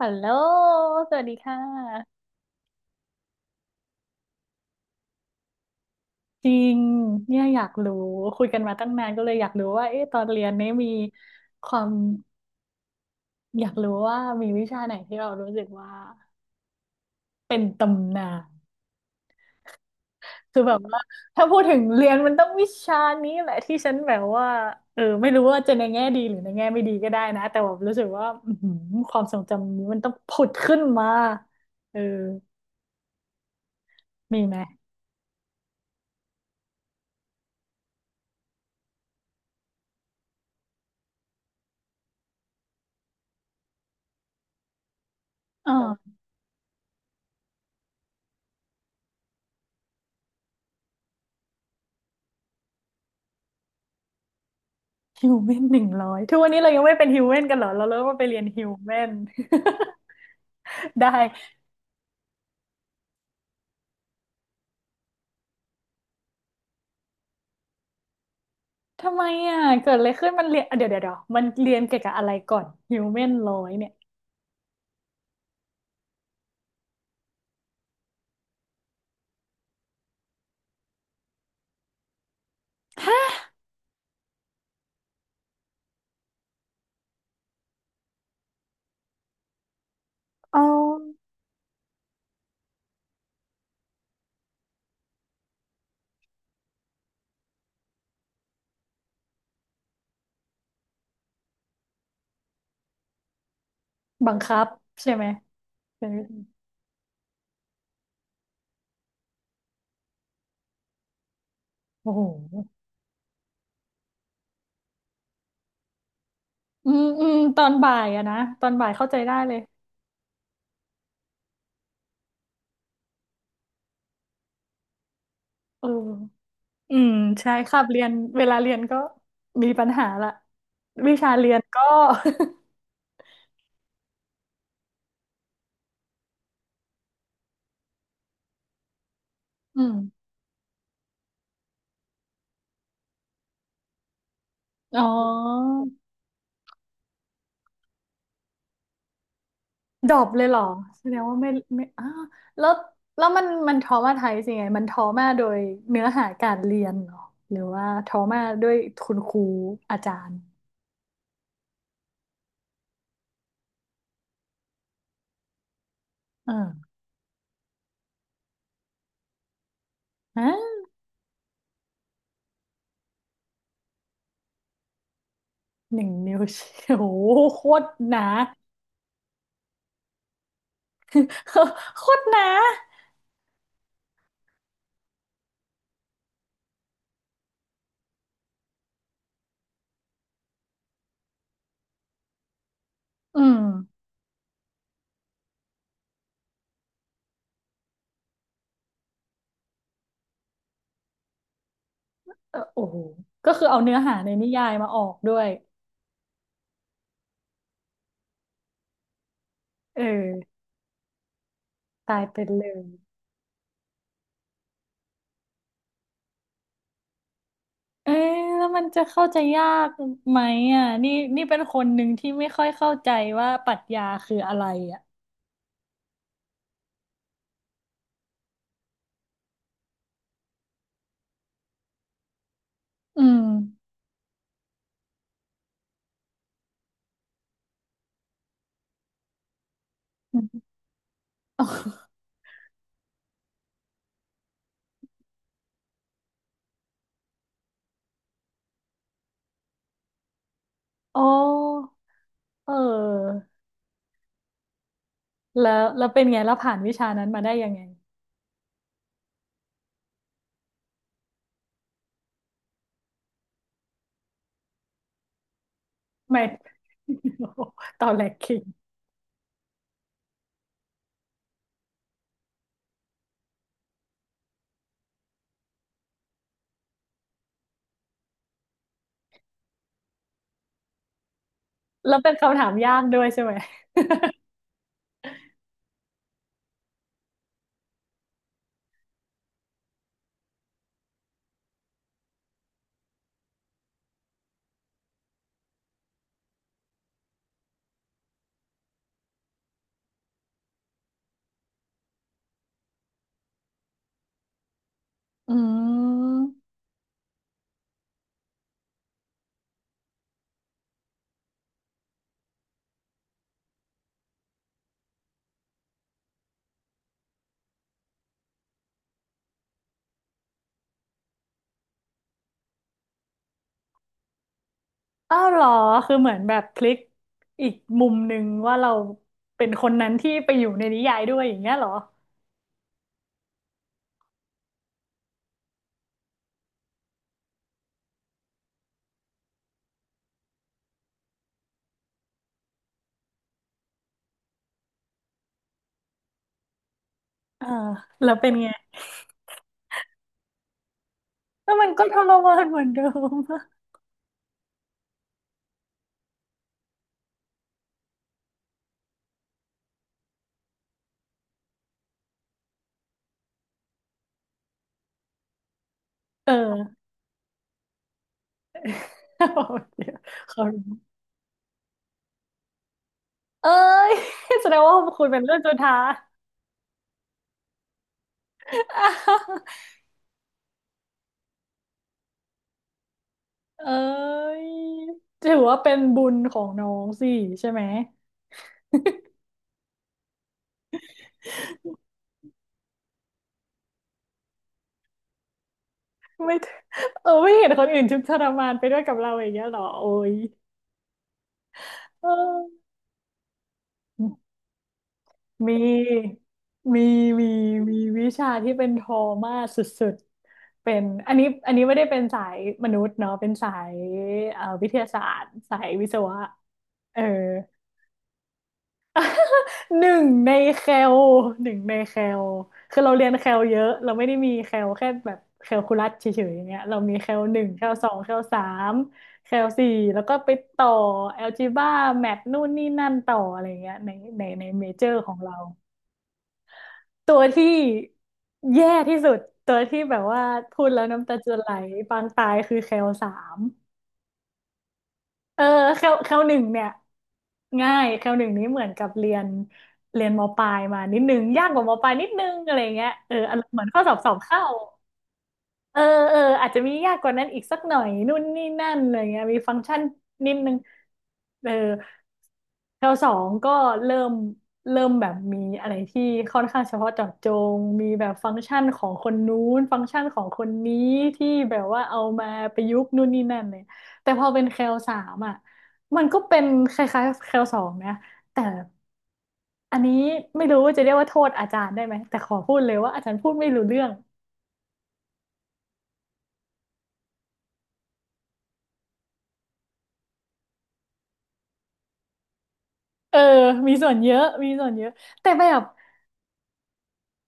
ฮัลโหลสวัสดีค่ะจริงเนี่ยอยากรู้คุยกันมาตั้งนานก็เลยอยากรู้ว่าเอ๊ะตอนเรียนเนี่ยมีความอยากรู้ว่ามีวิชาไหนที่เรารู้สึกว่าเป็นตำนานคือแบบว่าถ้าพูดถึงเรียนมันต้องวิชานี้แหละที่ฉันแบบว่าไม่รู้ว่าจะในแง่ดีหรือในแง่ไม่ดีก็ได้นะแต่แบบรู้สึกว่าอื้อหือความทรงจำนี้มันต้องผุดขึ้นมาเออมีไหมอ๋อ ฮิวแมน 100ทุกวันนี้เรายังไม่เป็นฮิวแมนกันเหรอเราเริ่มมาไปเรียนฮิวแมน ได้ทำไมอ่ะเกิดอะไรขึ้นมันเรียนอ่ะเดี๋ยวมันเรียนเกี่ยวกับอะไรก่อนฮิวแมนร้อยเนี่ยเอาบังคับใช่ไหมเป็นวิธีโอ้โหอืมอืมตอนบ่ายอะนะตอนบ่ายเข้าใจได้เลยเอออืมใช่ครับเรียนเวลาเรียนก็มีปัญหาละวิชาเรียนก็ อืมอ๋อ ดรอปเลยเหรอแสดงว่าไม่ไม่อ้าวแล้วแล้วมันทอมาไทยสิไงมันทอมาโดยเนื้อหาการเรียนเหรอหรือว่าทอมาด้วยคุณครูอาจารย์เออฮะหนึ่งนิ้วชี้โอ้โหโคตรหนา โคตรหนาอืมเออโอ้โหก็คือเอาเนื้อหาในนิยายมาออกด้วยเออตายเป็นเลยเอ๊ะแล้วมันจะเข้าใจยากไหมอ่ะนี่นี่เป็นคนหนึ่งที่ไม่ค่อยเข้าใจว่าปรัชญาคืออะไรอ่ะ อืม อมอ๋ออ๋อเออ แล้วแล้วเป็นไงแล้วผ่านวิชานั้นมาได้ยังไงไม่ โอ้โหตอนแรกคิงแล้วเป็นคำถามยากด้วยใช่ไหมอืมอ้าวเหรอคือเหมือนแบบพลิกอีกมุมหนึ่งว่าเราเป็นคนนั้นที่ไปอยู่ในนิยายด้วยอย่างเงี้ยเหรออ่าแล้วเป็นไงแล้วมันก็ทรมานเหมือนเดิม เออ เดี๋ยวเขารู้เอ้ย แสดงว่าคุณเป็นเรื่องสุดท้าย เอ้ยถือว่าเป็นบุญของน้องสิใช่ไหมไม่ไม่เห็นคนอื่นทุกข์ทรมานไปด้วยกับเราอย่างเงี้ยเหรอโอ้ยเออมีมีมีมีวิชาที่เป็นทอมาสุดๆเป็นอันนี้อันนี้ไม่ได้เป็นสายมนุษย์เนาะเป็นสายวิทยาศาสตร์สายวิศวะเออ หนึ่งในแคลหนึ่งในแคลคือเราเรียนแคลเยอะ เราไม่ได้มีแคลแค่แบบแคลคูลัสเฉยๆอย่างเงี้ยเรามีแคลหนึ่งแคลสองแคลสามแคลสี่แล้วก็ไปต่อแอลจีบ้าแมทนู่นนี่นั่นต่ออะไรเงี้ยในในเมเจอร์ของเราตัวที่แย่ที่สุดตัวที่แบบว่าพูดแล้วน้ำตาจะไหลปางตายคือแคลสาม เออเข้าหนึ่งเนี่ยง่ายเข้าหนึ่งนี้เหมือนกับเรียนเรียนมปลายมานิดนึงยากกว่ามปลายนิดนึงอะไรเงี้ยอารมณ์เหมือนข้อสอบสอบเข้า เออเอออาจจะมียากกว่านั้นอีกสักหน่อยนู่นนี่นั่นอะไรเงี้ยมีฟังก์ชันนิดนึงเออแถวสองก็เริ่มเริ่มแบบมีอะไรที่ค่อนข้างเฉพาะเจาะจงมีแบบฟังก์ชันของคนนู้นฟังก์ชันของคนนี้ที่แบบว่าเอามาประยุกต์นู่นนี่นั่นเลยแต่พอเป็นแคลสามอ่ะมันก็เป็นคล้ายๆแคลสองนะแต่อันนี้ไม่รู้ว่าจะเรียกว่าโทษอาจารย์ได้ไหมแต่ขอพูดเลยว่าอาจารย์พูดไม่รู้เรื่อง เออมีส่วนเยอะมีส่วนเยอะแต่แบบ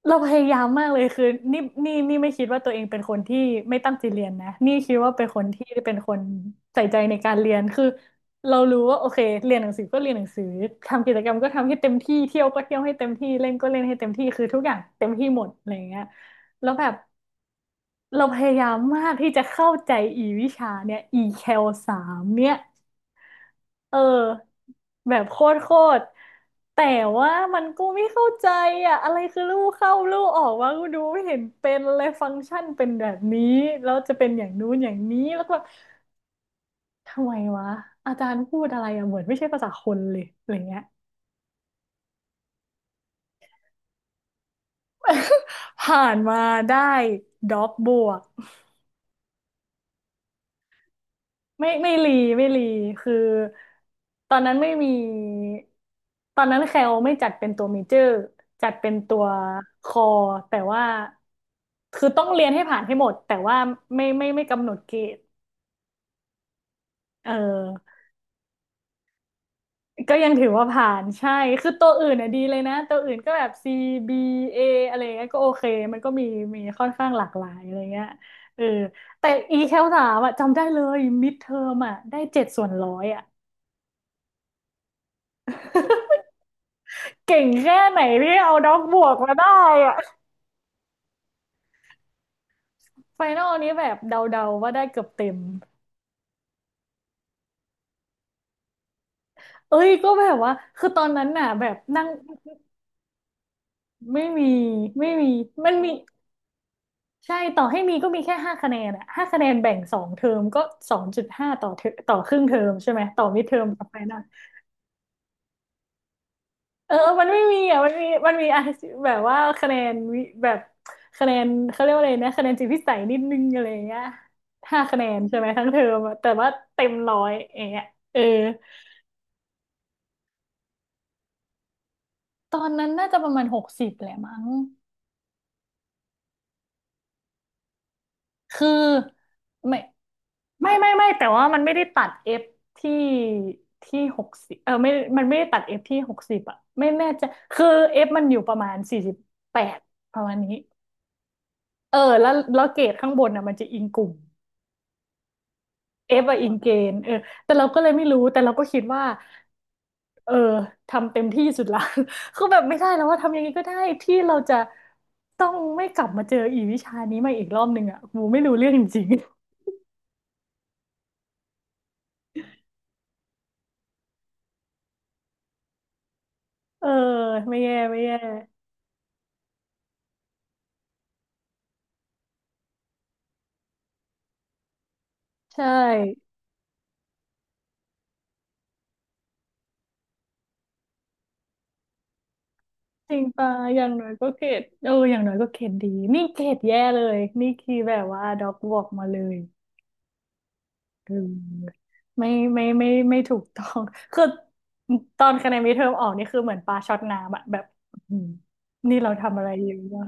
เราพยายามมากเลยคือนี่นี่ไม่คิดว่าตัวเองเป็นคนที่ไม่ตั้งใจเรียนนะนี่คิดว่าเป็นคนที่เป็นคนใส่ใจในการเรียนคือเรารู้ว่าโอเคเรียนหนังสือก็เรียนหนังสือทำกิจกรรมก็ทำให้เต็มที่เที่ยวก็เที่ยวให้เต็มที่เล่นก็เล่นให้เต็มที่คือทุกอย่างเต็มที่หมดอะไรอย่างเงี้ยแล้วแบบเราพยายามมากที่จะเข้าใจอีวิชาเนี่ยอีแคลสามเนี่ย เออแบบโคตรแต่ว่ามันกูไม่เข้าใจอ่ะอะไรคือลู่เข้าลู่ออกวะกูดูไม่เห็นเป็นเลยฟังก์ชันเป็นแบบนี้แล้วจะเป็นอย่างนู้นอย่างนี้แล้วก็แบบทำไมวะอาจารย์พูดอะไรอ่ะเหมือนไม่ใช่ภาษาคนเลยอะไรเงี้ย ผ่านมาได้ด็อกบวก ไม่ไม่รีไม่รีคือตอนนั้นไม่มีตอนนั้นแคลไม่จัดเป็นตัวเมเจอร์จัดเป็นตัวคอแต่ว่าคือต้องเรียนให้ผ่านให้หมดแต่ว่าไม่กำหนดเกรดเออก็ยังถือว่าผ่านใช่คือตัวอื่นน่ะดีเลยนะตัวอื่นก็แบบ C B A ออะไรเงี้ยก็โอเคมันก็มีมีค่อนข้างหลากหลายอะไรเงี้ยเออแต่ e แคลสามอะจำได้เลยมิดเทอมอะได้7/100อะ เก่งแค่ไหนที่เอาด็อกบวกมาได้อะไฟนอลนี้แบบเดาๆว่าได้เกือบเต็มเอ้ยก็แบบว่าคือตอนนั้นน่ะแบบนั่งไม่มีไม่มีมันมีใช่ต่อให้มีก็มีแค่ห้าคะแนนอะห้าคะแนนแบ่งสองเทอมก็2.5ต่อเทอต่อครึ่งเทอมใช่ไหมต่อมิดเทอมกับไฟนอลเออมันไม่มีอ่ะมันมีมันมีอะแบบว่าคะแนนวิแบบคะแนนเขาเรียกว่าอะไรนะคะแนนจิตวิสัยนิดนึงอะไรอย่างเงี้ยห้าคะแนนใช่ไหมทั้งเทอมอะแต่ว่าเต็มร้อยอย่างเงี้ยเออ ตอนนั้นน่าจะประมาณหกสิบแหละมั้งคือไม่ไม่แต่ว่ามันไม่ได้ตัด f ที่ที่หกสิบเออไม่มันไม่ได้ตัด f ที่หกสิบอ่ะไม่แน่ใจคือ f มันอยู่ประมาณ48ประมาณนี้เออแล้วเกรดข้างบนอ่ะมันจะอิงกลุ่ม f ออะอิงเกณฑ์เออแต่เราก็เลยไม่รู้แต่เราก็คิดว่า เออทำเต็มที่สุดละ คือแบบไม่ได้แล้วว่าทำยังไงก็ได้ที่เราจะต้องไม่กลับมาเจออีวิชานี้มาอีกรอบหนึ่งอ่ะกูไม่รู้เรื่องจริงๆ เออไม่แย่ไม่แย่ใช่จริงปะอย่างน้อยก็เกรดเอออย่างน้อยก็เกรดดีนี่เกรดแย่เลยนี่คือแบบว่าด็อกบอกมาเลยเออไม่ไม่ถูกต้อง คือตอนคะแนนมิดเทอมออกนี่คือเหมือนปลาช็อตน้ำอะแบบอื้อหือนี่เราทำอะไรอยู่วะ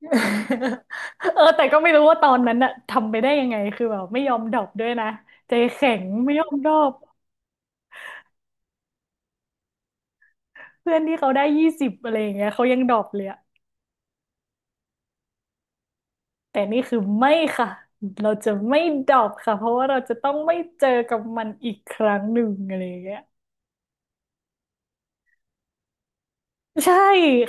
เออแต่ก็ไม่รู้ว่าตอนนั้นอะทำไปได้ยังไงคือแบบไม่ยอมดรอปด้วยนะใจแข็งไม่ยอมดรอปเพื่อนที่เขาได้20อะไรอย่างเงี้ยเขายังดรอปเลยอะแต่นี่คือไม่ค่ะเราจะไม่ดรอปค่ะเพราะว่าเราจะต้องไม่เจอกับมันอีกครั้งหนึ่งอะไรอย่างเงี้ยใช่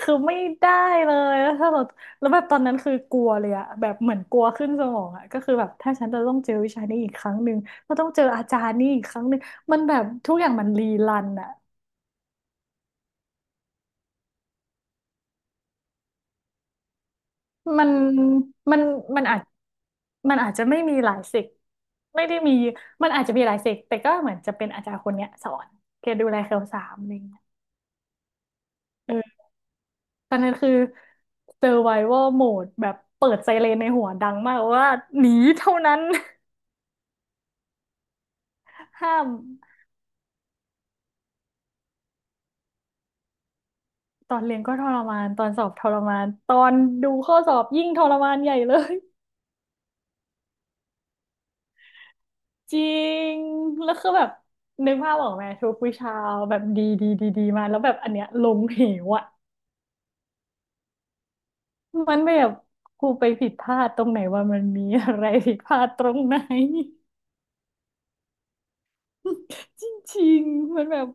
คือไม่ได้เลยแล้วถ้าเราแล้วแบบตอนนั้นคือกลัวเลยอะแบบเหมือนกลัวขึ้นสมองอะก็คือแบบถ้าฉันจะต้องเจอวิชานี้อีกครั้งหนึ่งก็ต้องเจออาจารย์นี่อีกครั้งหนึ่งมันแบบทุกอย่างมันรีรันอะ มันมันมันอาจมันอาจจะไม่มีหลายเซกไม่ได้มี มันอาจจะมีหลายเซกแต่ก็เหมือนจะเป็นอาจารย์คนเนี้ยสอนแกดูแลเคลสามอะไรเงี้ยเออตอนนั้นคือ survival mode แบบเปิดไซเรนในหัวดังมากว่าหนีเท่านั้น ห้าม ตอนเรียนก็ทรมาน ตอนสอบทรมาน ตอนดูข้อสอบยิ่งทรมานใหญ่เลย จริง แล้วคือแบบนึกภาพออกไหมทุกวิชาแบบดีดีดีดีมาแล้วแบบอันเนี้ยลงเหวอะ มันแบบครูไปผิดพลาดตรงไหนว่ามันมีอะไรผิดพลาดตรงไหน จริงๆมันแบบ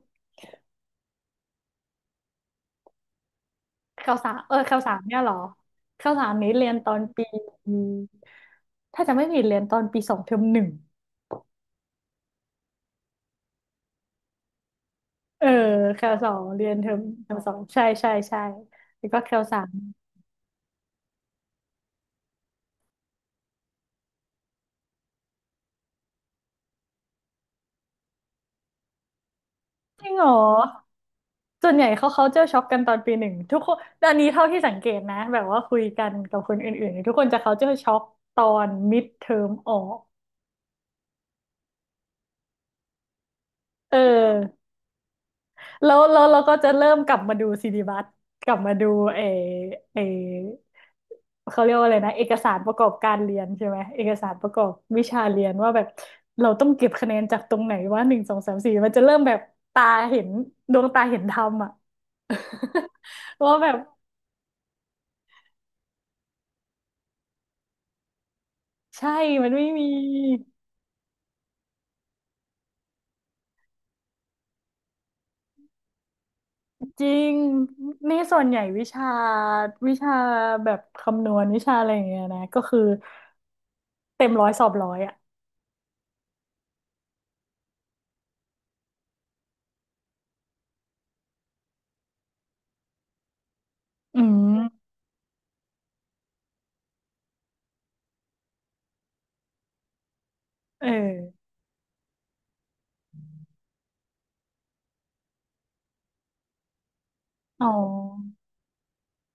ข่าวสารข่าวสารเนี่ยเหรอข่าวสารนี้เรียนตอนปีถ้าจะไม่ผิดเรียนตอนปีสองเทอมหนึ่งเออข่าวสองเรียนเทอมสองใช่ใช่ใช่แล้วก็ข่าวสารจริงเหรอส่วนใหญ่เขาเจอช็อกกันตอนปีหนึ่งทุกคนอันนี้เท่าที่สังเกตนะแบบว่าคุยกันกับคนอื่นๆทุกคนจะเขาเจอช็อกตอนมิดเทอมออกเออ แล้วเราก็จะเริ่มกลับมาดูซีดีบัตกลับมาดูเอเอเขาเรียกว่าอะไรนะเอกสารประกอบการเรียนใช่ไหมเอกสารประกอบวิชาเรียนว่าแบบเราต้องเก็บคะแนนจากตรงไหนว่าหนึ่งสองสามสี่มันจะเริ่มแบบตาเห็นดวงตาเห็นธรรมอ่ะ ว่าแบบใช่มันไม่มีจริงนี่ส่วนใหญ่วิชาแบบคำนวณวิชาอะไรอย่างเงี้ยนะก็คือเต็มร้อยสอบร้อยอ่ะอืมเออ อ๋อ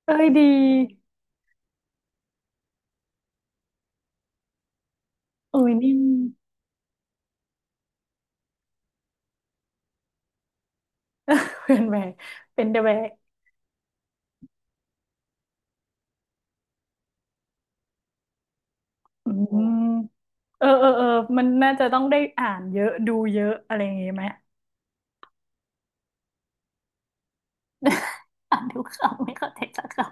เอ้ยดีเอ้ยนี่เพื่อนแบกเป็นเดอะแบกอืมมเออเออเออมันน่าจะต้องได้อ่านเยอะดูเยอะอะไรอย่างงี้ไหม อ่านทุกคำไม่เข้าใจสักคำ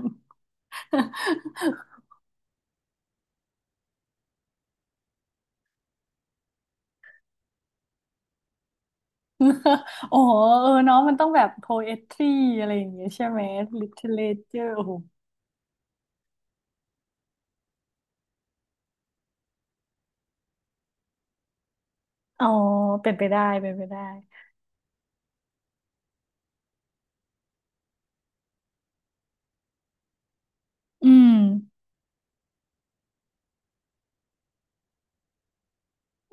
โอ้โหเออเนาะมันต้องแบบ poetry อะไรอย่างเงี้ยใช่ไหม literature โอ้โหอ๋อเป็นไปได้เป็นไปได้ อืม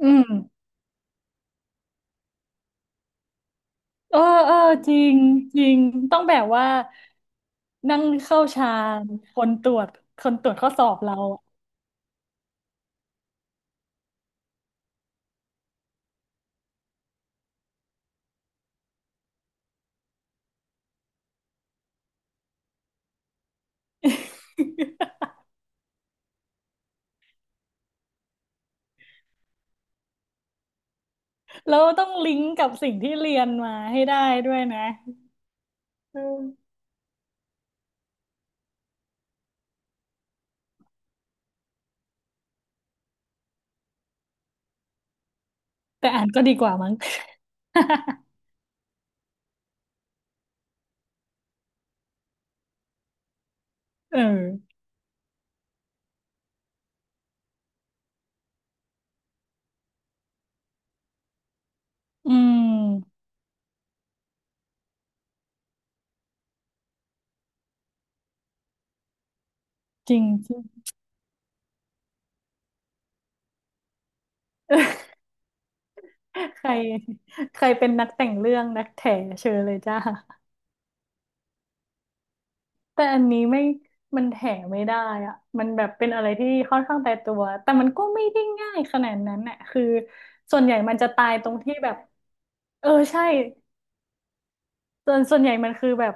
อืม เออเออจริงจริงต้องแบบว่านั่งเข้าฌานคนตรวจคนตรวจข้อสอบเราอะ แล้วต้องลิงก์กับสิ่งที่เรียนมาให้ได้ด้วยนะเออแต่อ่านก็ดีกว่ามั้ง เอออืมจริงจริง ใครใครเป็นนักแต่งเรื่องนักแถเชิญเลยจ้า แต่อันนี้ไม่มันแถไม่ได้อ่ะมันแบบเป็นอะไรที่ค่อนข้างตายตัว แต่มันก็ไม่ได้ง่ายขนาดนั้นน่ะคือส่วนใหญ่มันจะตายตรงที่แบบเออใช่ส่วนใหญ่มันคือแบบ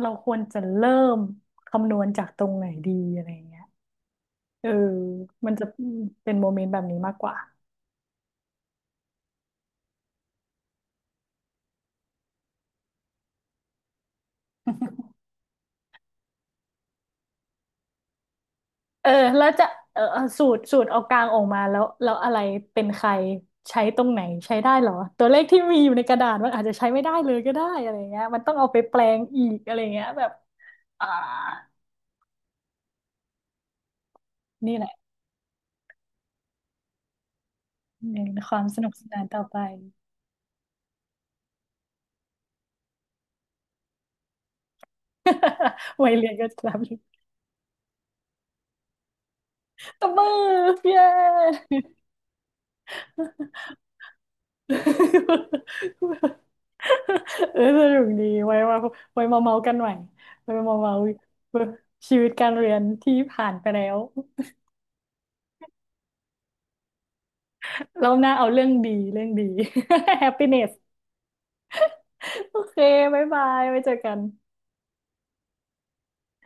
เราควรจะเริ่มคำนวณจากตรงไหนดีอะไรเงี้ยเออมันจะเป็นโมเมนต์แบบนี้มากกว่า เออแล้วจะเออเอาสูตรเอากลางออกมาแล้วแล้วอะไรเป็นใครใช้ตรงไหนใช้ได้เหรอตัวเลขที่มีอยู่ในกระดาษมันอาจจะใช้ไม่ได้เลยก็ได้อะไรเงี้ยมันต้องเอาไปแปลงอีกอะไรเงี้ยแบบอ่านี่แหละเป็นความสนุกสนานต่อไป วัยเรียนก็จะทำอยู่ตบมือเย้ เออสนุกดีไว้มาไว้มาเมากันใหม่ไว้มาเมาชีวิตการเรียนที่ผ่านไปแล้ว เราหน้าเอาเรื่องดีเรื่องดี happiness โอเคบ๊ายบายไว้เจอกัน